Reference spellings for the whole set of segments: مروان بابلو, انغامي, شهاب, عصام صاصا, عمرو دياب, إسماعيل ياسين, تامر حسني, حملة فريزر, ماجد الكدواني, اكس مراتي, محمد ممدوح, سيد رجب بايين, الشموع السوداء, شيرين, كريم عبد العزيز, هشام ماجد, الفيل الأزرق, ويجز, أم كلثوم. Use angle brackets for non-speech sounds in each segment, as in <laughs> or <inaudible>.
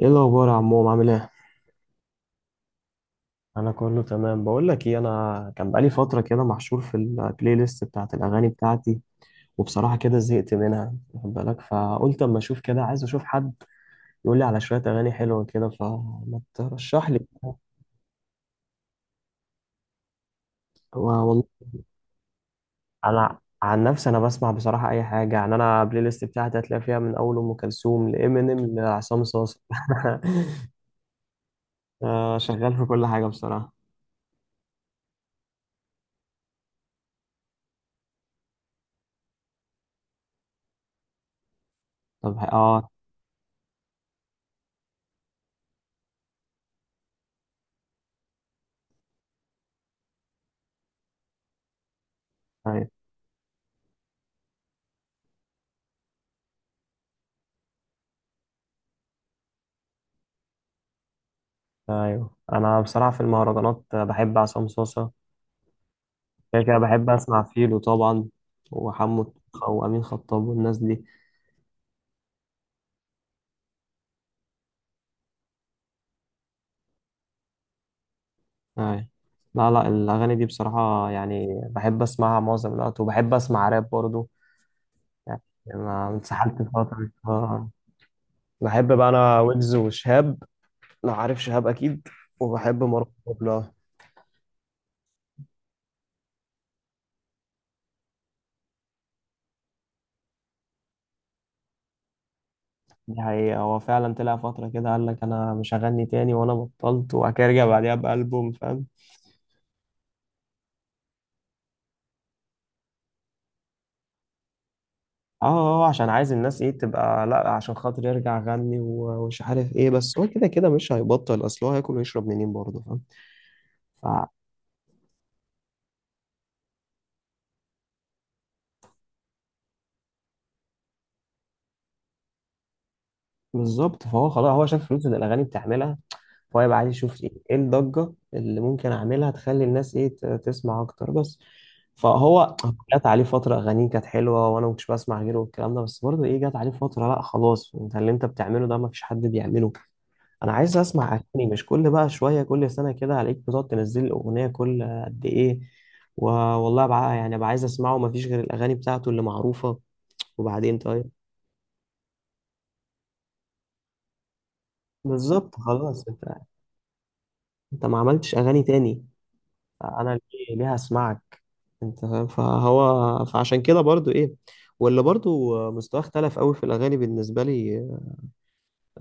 ايه الاخبار يا عمو؟ عامل ايه؟ انا كله تمام. بقول لك ايه، انا كان بقالي فتره كده محشور في البلاي ليست بتاعت الاغاني بتاعتي، وبصراحه كده زهقت منها واخد بالك، فقلت اما اشوف كده، عايز اشوف حد يقول لي على شويه اغاني حلوه كده، فما ترشح لي كده. و- والله انا عن نفسي انا بسمع بصراحه اي حاجه، يعني انا البلاي ليست بتاعتي هتلاقي فيها من اول ام كلثوم لامينيم لعصام صاصا <laughs> شغال في كل حاجه بصراحه. طب اه طيب. ايوه انا بصراحه في المهرجانات بحب عصام صاصا، كده كده بحب اسمع فيلو طبعا، وحمو الطيخة وامين خطاب والناس دي. ايوه، لا لا الاغاني دي بصراحه يعني بحب اسمعها معظم الوقت، وبحب اسمع راب برضو. يعني انا اتسحلت فتره بحب بقى انا ويجز وشهاب، لو عارف شهاب اكيد، وبحب مروان بابلو أوي. دي حقيقة، هو فعلا طلع فترة كده قال لك أنا مش هغني تاني، وأنا بطلت، وبعد كده رجع بعديها بألبوم، فاهم؟ اه، عشان عايز الناس ايه تبقى، لا عشان خاطر يرجع غني ومش عارف ايه، بس هو كده كده مش هيبطل، اصل هو هياكل ويشرب منين برضه، فاهم؟ ف- بالظبط، فهو خلاص هو شاف فلوس اللي الاغاني بتعملها، فهو يبقى عايز يشوف ايه، إيه الضجه اللي ممكن اعملها تخلي الناس ايه تسمع اكتر بس. فهو جت عليه فتره اغانيه كانت حلوه، وانا ما كنتش بسمع غيره والكلام ده، بس برضه ايه جت عليه فتره لا خلاص انت اللي انت بتعمله ده ما فيش حد بيعمله. انا عايز اسمع اغاني، مش كل بقى شويه كل سنه كده عليك بتقعد تنزل لي اغنيه كل قد ايه. والله بقى يعني بقى عايز اسمعه، مفيش غير الاغاني بتاعته اللي معروفه. وبعدين طيب بالظبط خلاص. انت ما عملتش اغاني تاني، انا ليه هسمعك؟ انت فاهم، فهو فعشان كده برضو ايه، واللي برضو مستواه اختلف قوي في الاغاني بالنسبه لي.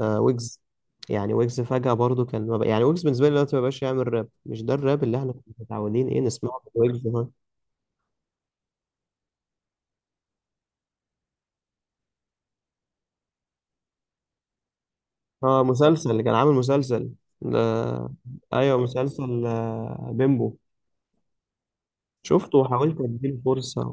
آه، ويجز، يعني ويجز فجأة برضو كان ما بق- يعني ويجز بالنسبة لي دلوقتي ما بقاش يعمل راب، مش ده الراب اللي احنا كنا متعودين ايه نسمعه من ويجز. اه، مسلسل اللي كان عامل مسلسل ده، ايوه مسلسل بيمبو. شفته وحاولت اديله فرصه.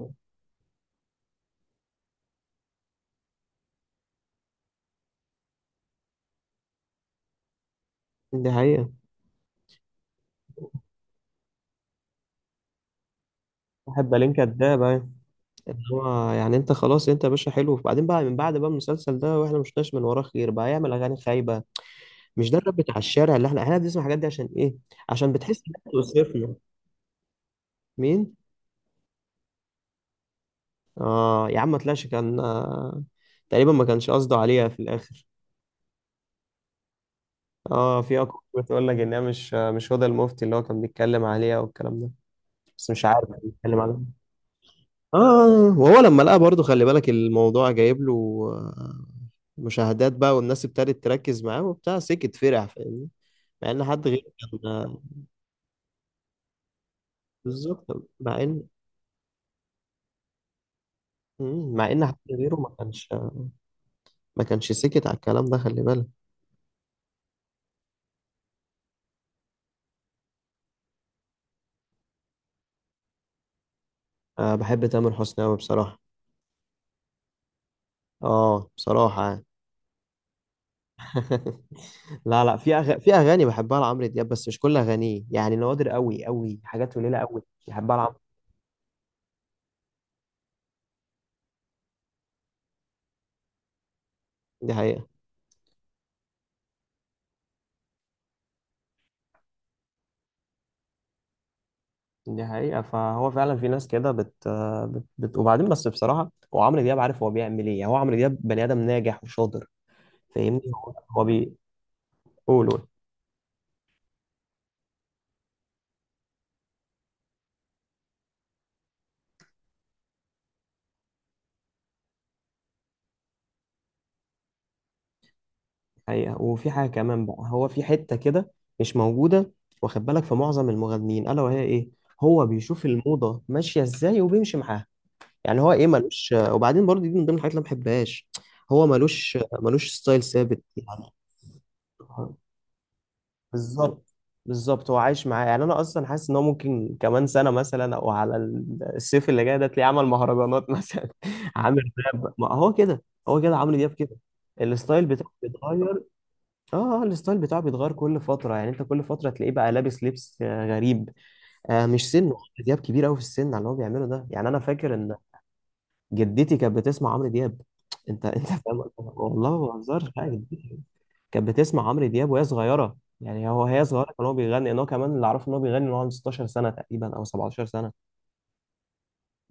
دي حقيقه. واحد بالين كداب، ايوه، اللي هو يعني انت خلاص انت يا باشا حلو، وبعدين بقى من بعد بقى المسلسل ده واحنا مش شفناش من وراه خير، بقى يعمل اغاني خايبه؟ مش ده الراب بتاع الشارع اللي احنا بنسمع الحاجات دي عشان ايه؟ عشان بتحس ان انت وصفنا. مين؟ اه يا عم ما طلعش، كان تقريبا ما كانش قصده عليها في الاخر. اه، في اكو بتقول لك ان هي مش، مش هدى المفتي اللي هو كان بيتكلم عليها والكلام ده، بس مش عارف بيتكلم عن، وهو لما لقى برضه خلي بالك الموضوع جايب له آه، مشاهدات بقى، والناس ابتدت تركز معاه وبتاع، سكت فرح، فاهمني؟ مع ان حد غيره كان بالظبط. مع ان، مع ان حد غيره ما كانش ما كانش سكت على الكلام ده، خلي بالك. أه، بحب تامر حسني قوي بصراحة. اه بصراحة يعني. <laughs> لا لا، في اغاني بحبها لعمرو دياب، بس مش كل اغانيه، يعني نوادر قوي قوي، حاجات قليلة قوي بحبها لعمرو. دي حقيقة. دي حقيقة، فهو فعلا في ناس كده وبعدين بس بصراحة هو عمرو دياب عارف هو بيعمل ايه، يعني هو عمرو دياب بني آدم ناجح وشاطر، فاهمني؟ هو بيقول، قول. حقيقة. وفي حاجة كمان بقى هو في حتة كده مش موجودة واخد بالك في معظم المغنيين، ألا وهي ايه، هو بيشوف الموضة ماشية ازاي وبيمشي معاها، يعني هو ايه ملوش، وبعدين برضه دي من ضمن الحاجات اللي أنا ما بحبهاش، هو ملوش ستايل ثابت يعني. بالظبط، بالظبط هو عايش معاه، يعني انا اصلا حاسس ان هو ممكن كمان سنه مثلا، او على الصيف اللي جاي ده تلاقيه عمل مهرجانات مثلا <laughs> عامل راب، ما هو كده، هو كده عمرو دياب كده، الستايل بتاعه بيتغير. اه الستايل بتاعه بيتغير كل فتره، يعني انت كل فتره تلاقيه بقى لابس لبس غريب. آه، مش سنه عمرو دياب كبير قوي في السن على اللي هو بيعمله ده، يعني انا فاكر ان جدتي كانت بتسمع عمرو دياب، انت فاهم، والله ما بهزرش حاجه، كانت بتسمع عمرو دياب وهي صغيره، يعني هو هي صغيره كان هو بيغني، ان هو كمان اللي اعرفه ان هو بيغني ان هو عنده 16 سنه تقريبا او 17 سنه.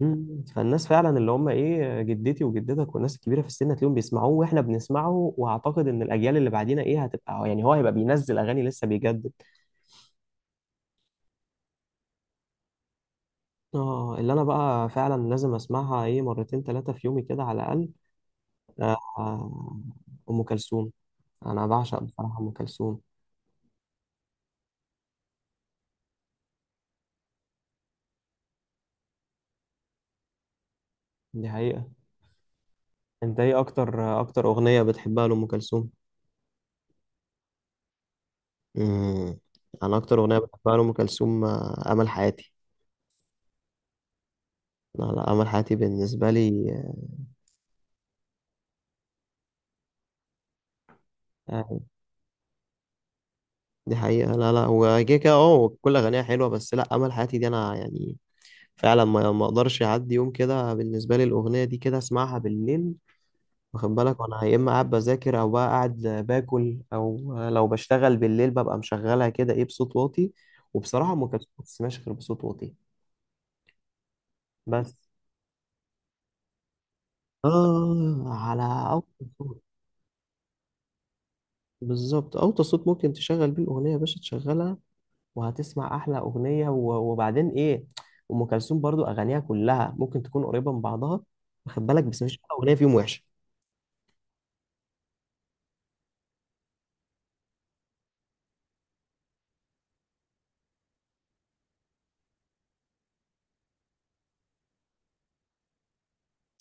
مم. فالناس فعلا اللي هم ايه، جدتي وجدتك والناس الكبيره في السن هتلاقيهم بيسمعوه، واحنا بنسمعه، واعتقد ان الاجيال اللي بعدينا ايه هتبقى، يعني هو هيبقى بينزل اغاني لسه بيجدد. اه، اللي انا بقى فعلا لازم اسمعها ايه مرتين ثلاثه في يومي كده على الاقل، آه، آه، ام كلثوم، انا بعشق بصراحه ام كلثوم. دي حقيقه. انت ايه اكتر اغنيه بتحبها لام كلثوم؟ امم، انا اكتر اغنيه بحبها لام كلثوم امل حياتي. لا لا، امل حياتي بالنسبه لي آه، دي حقيقه. لا لا، هو كده كده اه كل اغانيها حلوه، بس لا امل حياتي دي انا يعني فعلا ما اقدرش اعدي يوم كده، بالنسبه لي الاغنيه دي كده اسمعها بالليل، واخد بالك، وانا يا اما قاعد بذاكر او بقى قاعد باكل، او لو بشتغل بالليل ببقى مشغلها كده ايه بصوت واطي. وبصراحه ام كلثوم ما بتسمعش غير بصوت واطي، بس. اه، على أول صوت، بالظبط اوطى صوت ممكن تشغل بيه الاغنيه يا باشا تشغلها، وهتسمع احلى اغنيه. وبعدين ايه، ام كلثوم برضو اغانيها كلها ممكن تكون قريبه من بعضها واخد بالك، بس مفيش ولا اغنيه فيهم وحشه.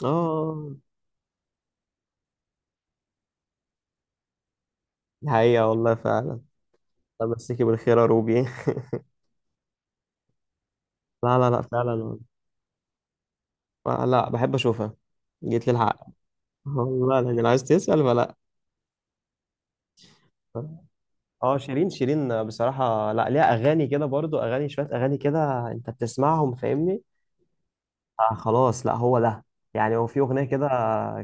اه، دي حقيقه، والله فعلا. الله يمسيكي بالخير يا روبي. <laughs> لا لا لا، فعلا والله. آه، لا بحب اشوفها، جيت للحق، والله العظيم. عايز تسال ولا؟ لا. اه، شيرين، شيرين بصراحه، لا ليها اغاني كده برضو، اغاني شويه، اغاني كده انت بتسمعهم فاهمني؟ آه خلاص، لا هو ده، يعني هو في اغنيه كده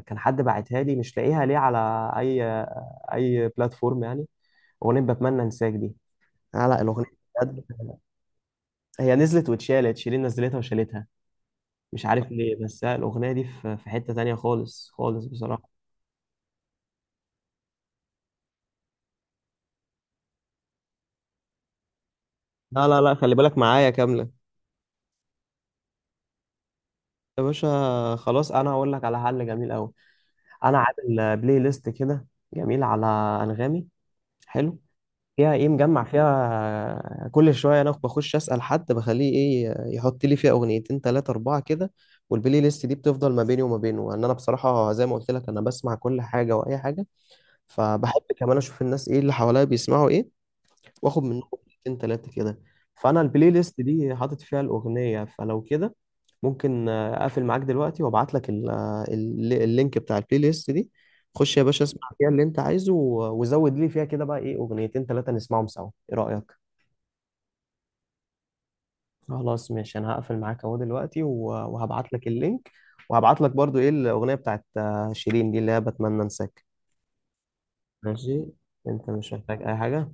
كان حد باعتها لي، مش لاقيها ليه، على اي، اي بلاتفورم يعني، اغنيه بتمنى انساك دي. لا لا الاغنيه، بجد، هي نزلت واتشالت، شيرين نزلتها وشالتها، مش عارف ليه، بس لا، الاغنيه دي في، في حته تانية خالص خالص بصراحه. لا لا لا، خلي بالك معايا كامله. يا باشا خلاص انا هقول لك على حل جميل قوي، انا عامل بلاي ليست كده جميل على انغامي، حلو، فيها ايه مجمع فيها كل شويه انا بخش اسال حد بخليه ايه يحط لي فيها اغنيتين ثلاثه اربعه كده، والبلاي ليست دي بتفضل ما بيني وما بينه لان انا بصراحه زي ما قلت لك انا بسمع كل حاجه واي حاجه، فبحب كمان اشوف الناس ايه اللي حواليا بيسمعوا ايه، واخد منهم اغنيتين ثلاثه كده. فانا البلاي ليست دي حاطط فيها الاغنيه، فلو كده ممكن اقفل معاك دلوقتي وابعت لك اللينك بتاع البلاي ليست دي، خش يا باشا اسمع فيها اللي انت عايزه، وزود لي فيها كده بقى ايه اغنيتين ثلاثة نسمعهم سوا، ايه رأيك؟ خلاص ماشي، انا هقفل معاك اهو دلوقتي، وهبعت لك اللينك، وهبعت لك برضو ايه الاغنية بتاعت شيرين دي اللي هي بتمنى انساك. ماشي، انت مش محتاج اي حاجة؟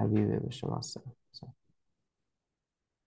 حبيبي يا باشا، مع السلامة.